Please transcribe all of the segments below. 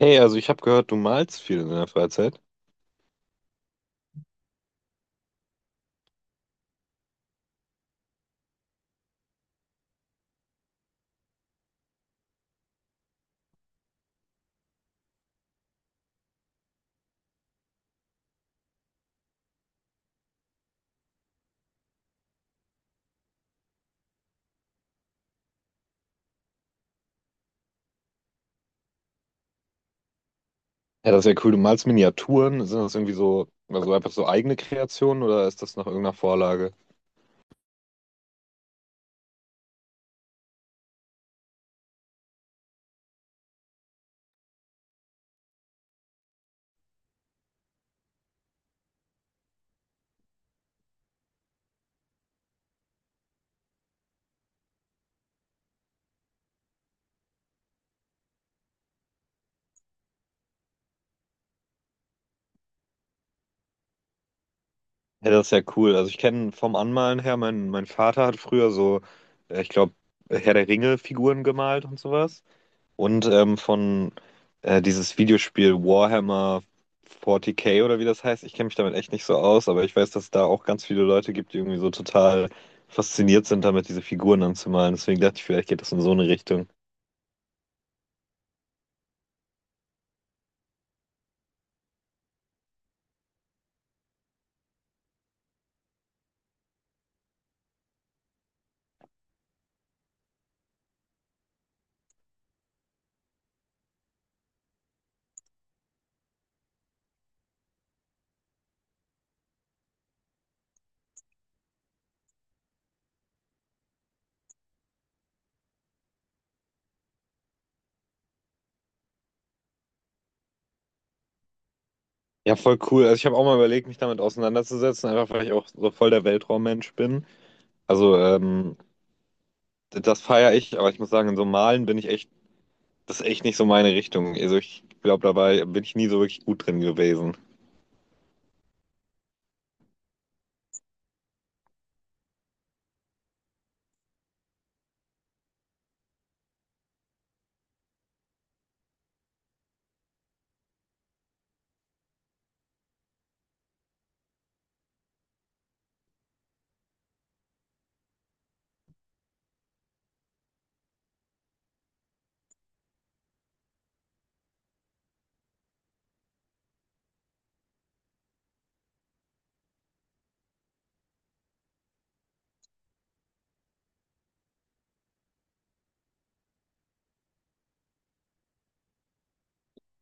Hey, also ich habe gehört, du malst viel in deiner Freizeit. Ja, das ist ja cool. Du malst Miniaturen. Sind das irgendwie so, also einfach so eigene Kreationen oder ist das nach irgendeiner Vorlage? Ja, das ist ja cool. Also ich kenne vom Anmalen her, mein Vater hat früher so, ich glaube, Herr der Ringe-Figuren gemalt und sowas. Und von dieses Videospiel Warhammer 40k oder wie das heißt. Ich kenne mich damit echt nicht so aus, aber ich weiß, dass es da auch ganz viele Leute gibt, die irgendwie so total fasziniert sind, damit diese Figuren anzumalen. Deswegen dachte ich, vielleicht geht das in so eine Richtung. Ja, voll cool. Also ich habe auch mal überlegt, mich damit auseinanderzusetzen, einfach weil ich auch so voll der Weltraummensch bin. Also das feiere ich, aber ich muss sagen, in so Malen bin ich echt, das ist echt nicht so meine Richtung. Also ich glaube, dabei bin ich nie so wirklich gut drin gewesen.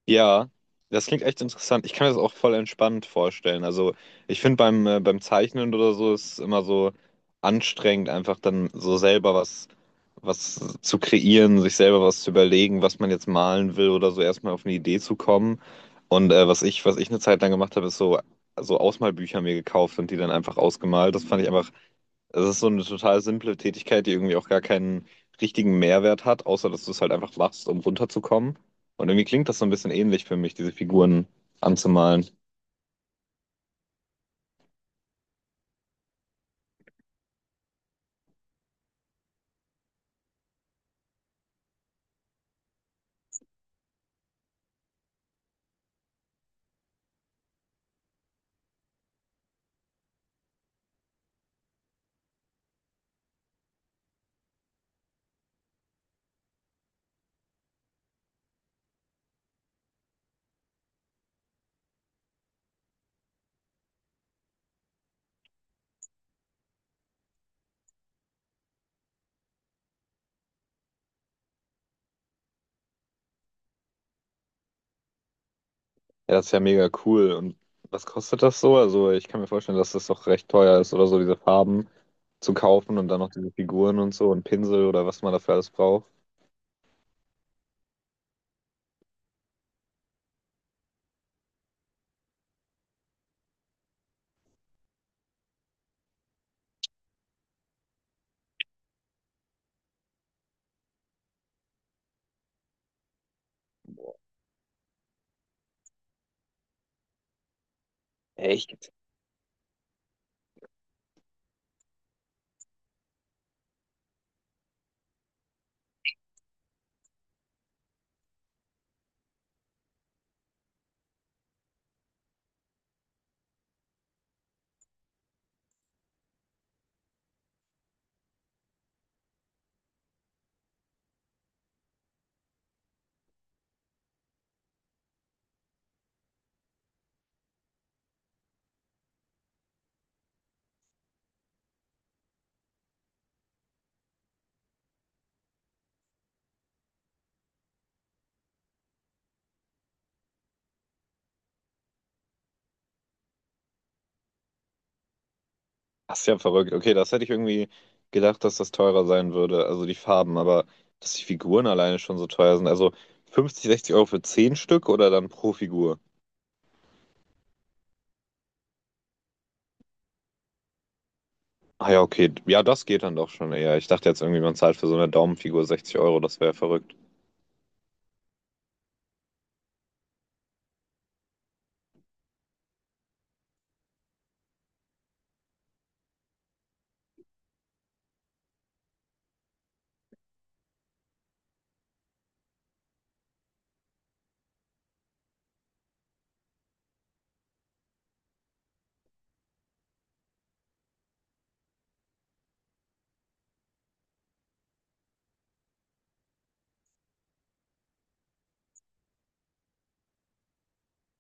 Ja, das klingt echt interessant. Ich kann mir das auch voll entspannt vorstellen. Also ich finde beim Zeichnen oder so ist es immer so anstrengend, einfach dann so selber was, was zu kreieren, sich selber was zu überlegen, was man jetzt malen will oder so erstmal auf eine Idee zu kommen. Und was ich eine Zeit lang gemacht habe, ist so, so Ausmalbücher mir gekauft und die dann einfach ausgemalt. Das fand ich einfach es ist so eine total simple Tätigkeit, die irgendwie auch gar keinen richtigen Mehrwert hat, außer dass du es halt einfach machst, um runterzukommen. Und irgendwie klingt das so ein bisschen ähnlich für mich, diese Figuren anzumalen. Ja, das ist ja mega cool. Und was kostet das so? Also ich kann mir vorstellen, dass das doch recht teuer ist oder so, diese Farben zu kaufen und dann noch diese Figuren und so und Pinsel oder was man dafür alles braucht. Das ist ja verrückt. Okay, das hätte ich irgendwie gedacht, dass das teurer sein würde. Also die Farben, aber dass die Figuren alleine schon so teuer sind. Also 50, 60 Euro für 10 Stück oder dann pro Figur? Ah ja, okay. Ja, das geht dann doch schon eher. Ich dachte jetzt irgendwie, man zahlt für so eine Daumenfigur 60 Euro. Das wäre verrückt.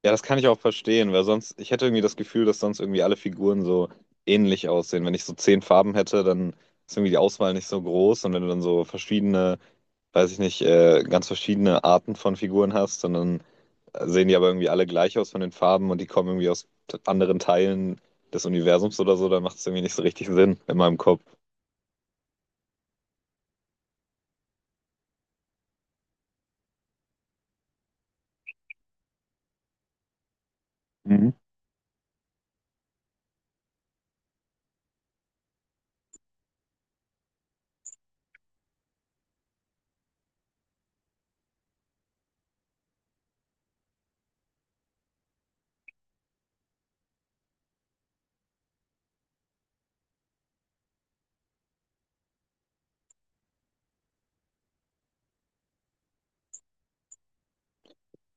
Ja, das kann ich auch verstehen, weil sonst, ich hätte irgendwie das Gefühl, dass sonst irgendwie alle Figuren so ähnlich aussehen. Wenn ich so 10 Farben hätte, dann ist irgendwie die Auswahl nicht so groß. Und wenn du dann so verschiedene weiß ich nicht, ganz verschiedene Arten von Figuren hast, sondern sehen die aber irgendwie alle gleich aus von den Farben und die kommen irgendwie aus anderen Teilen des Universums oder so, dann macht es irgendwie nicht so richtig Sinn in meinem Kopf. Mhm.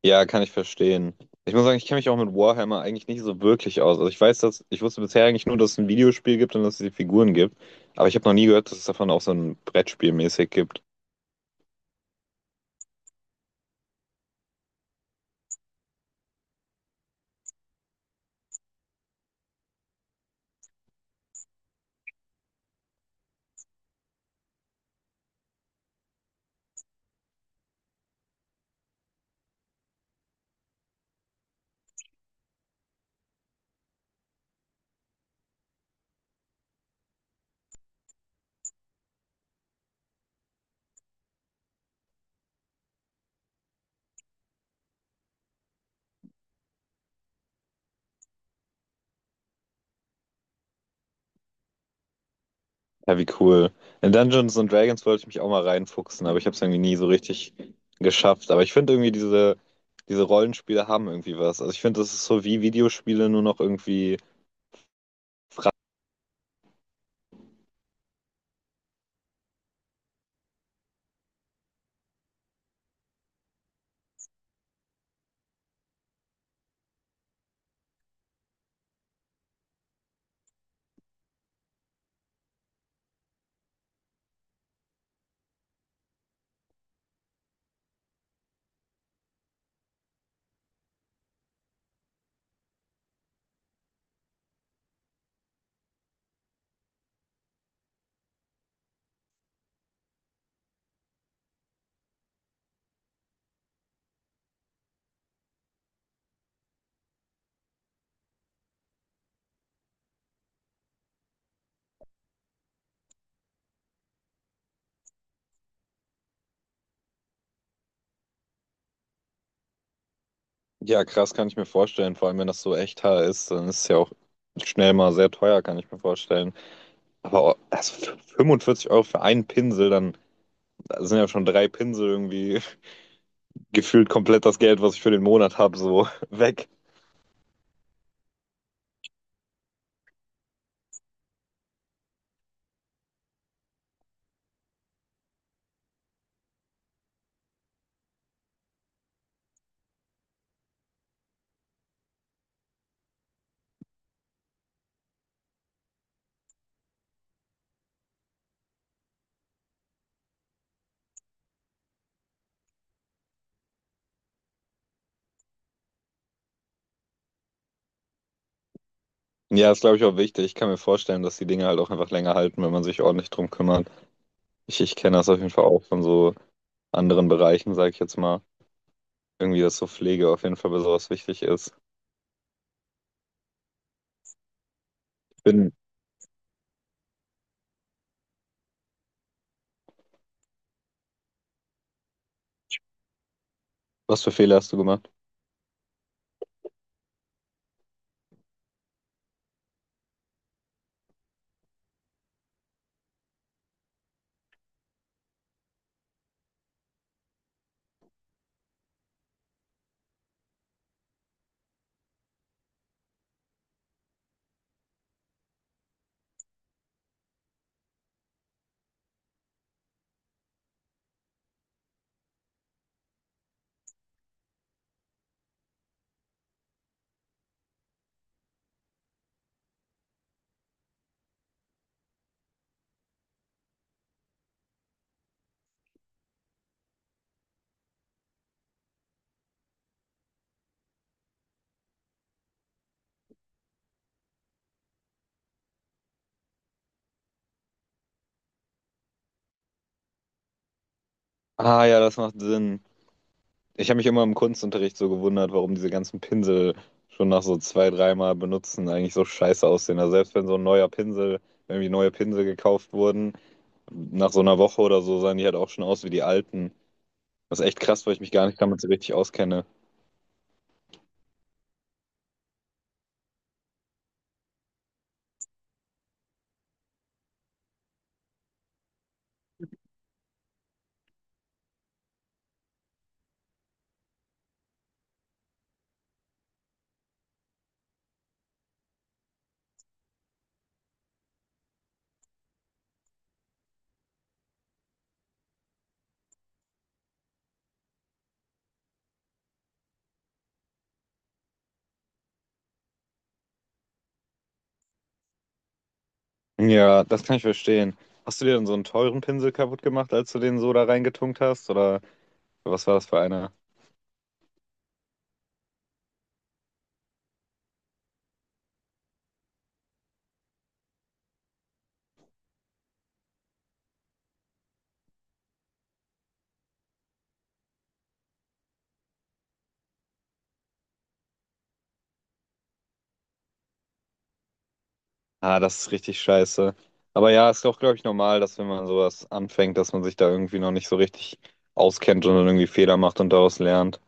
Ja, kann ich verstehen. Ich muss sagen, ich kenne mich auch mit Warhammer eigentlich nicht so wirklich aus. Also ich weiß, dass ich wusste bisher eigentlich nur, dass es ein Videospiel gibt und dass es die Figuren gibt, aber ich habe noch nie gehört, dass es davon auch so ein Brettspiel mäßig gibt. Ja, wie cool. In Dungeons and Dragons wollte ich mich auch mal reinfuchsen, aber ich habe es irgendwie nie so richtig geschafft. Aber ich finde irgendwie diese Rollenspiele haben irgendwie was. Also ich finde, das ist so wie Videospiele, nur noch irgendwie, ja, krass kann ich mir vorstellen. Vor allem, wenn das so echt ist, dann ist es ja auch schnell mal sehr teuer, kann ich mir vorstellen. Aber 45 Euro für einen Pinsel, dann sind ja schon drei Pinsel irgendwie gefühlt komplett das Geld, was ich für den Monat habe, so weg. Ja, ist, glaube ich, auch wichtig. Ich kann mir vorstellen, dass die Dinge halt auch einfach länger halten, wenn man sich ordentlich drum kümmert. Ich kenne das auf jeden Fall auch von so anderen Bereichen, sage ich jetzt mal. Irgendwie, dass so Pflege auf jeden Fall bei sowas wichtig ist. Ich bin, was für Fehler hast du gemacht? Ah ja, das macht Sinn. Ich habe mich immer im Kunstunterricht so gewundert, warum diese ganzen Pinsel schon nach so zwei, dreimal benutzen eigentlich so scheiße aussehen. Also selbst wenn so ein neuer Pinsel, wenn irgendwie neue Pinsel gekauft wurden, nach so einer Woche oder so sahen die halt auch schon aus wie die alten. Das ist echt krass, weil ich mich gar nicht damit so richtig auskenne. Ja, das kann ich verstehen. Hast du dir denn so einen teuren Pinsel kaputt gemacht, als du den so da reingetunkt hast? Oder was war das für einer? Ah, das ist richtig scheiße. Aber ja, ist doch, glaube ich, normal, dass wenn man sowas anfängt, dass man sich da irgendwie noch nicht so richtig auskennt und dann irgendwie Fehler macht und daraus lernt.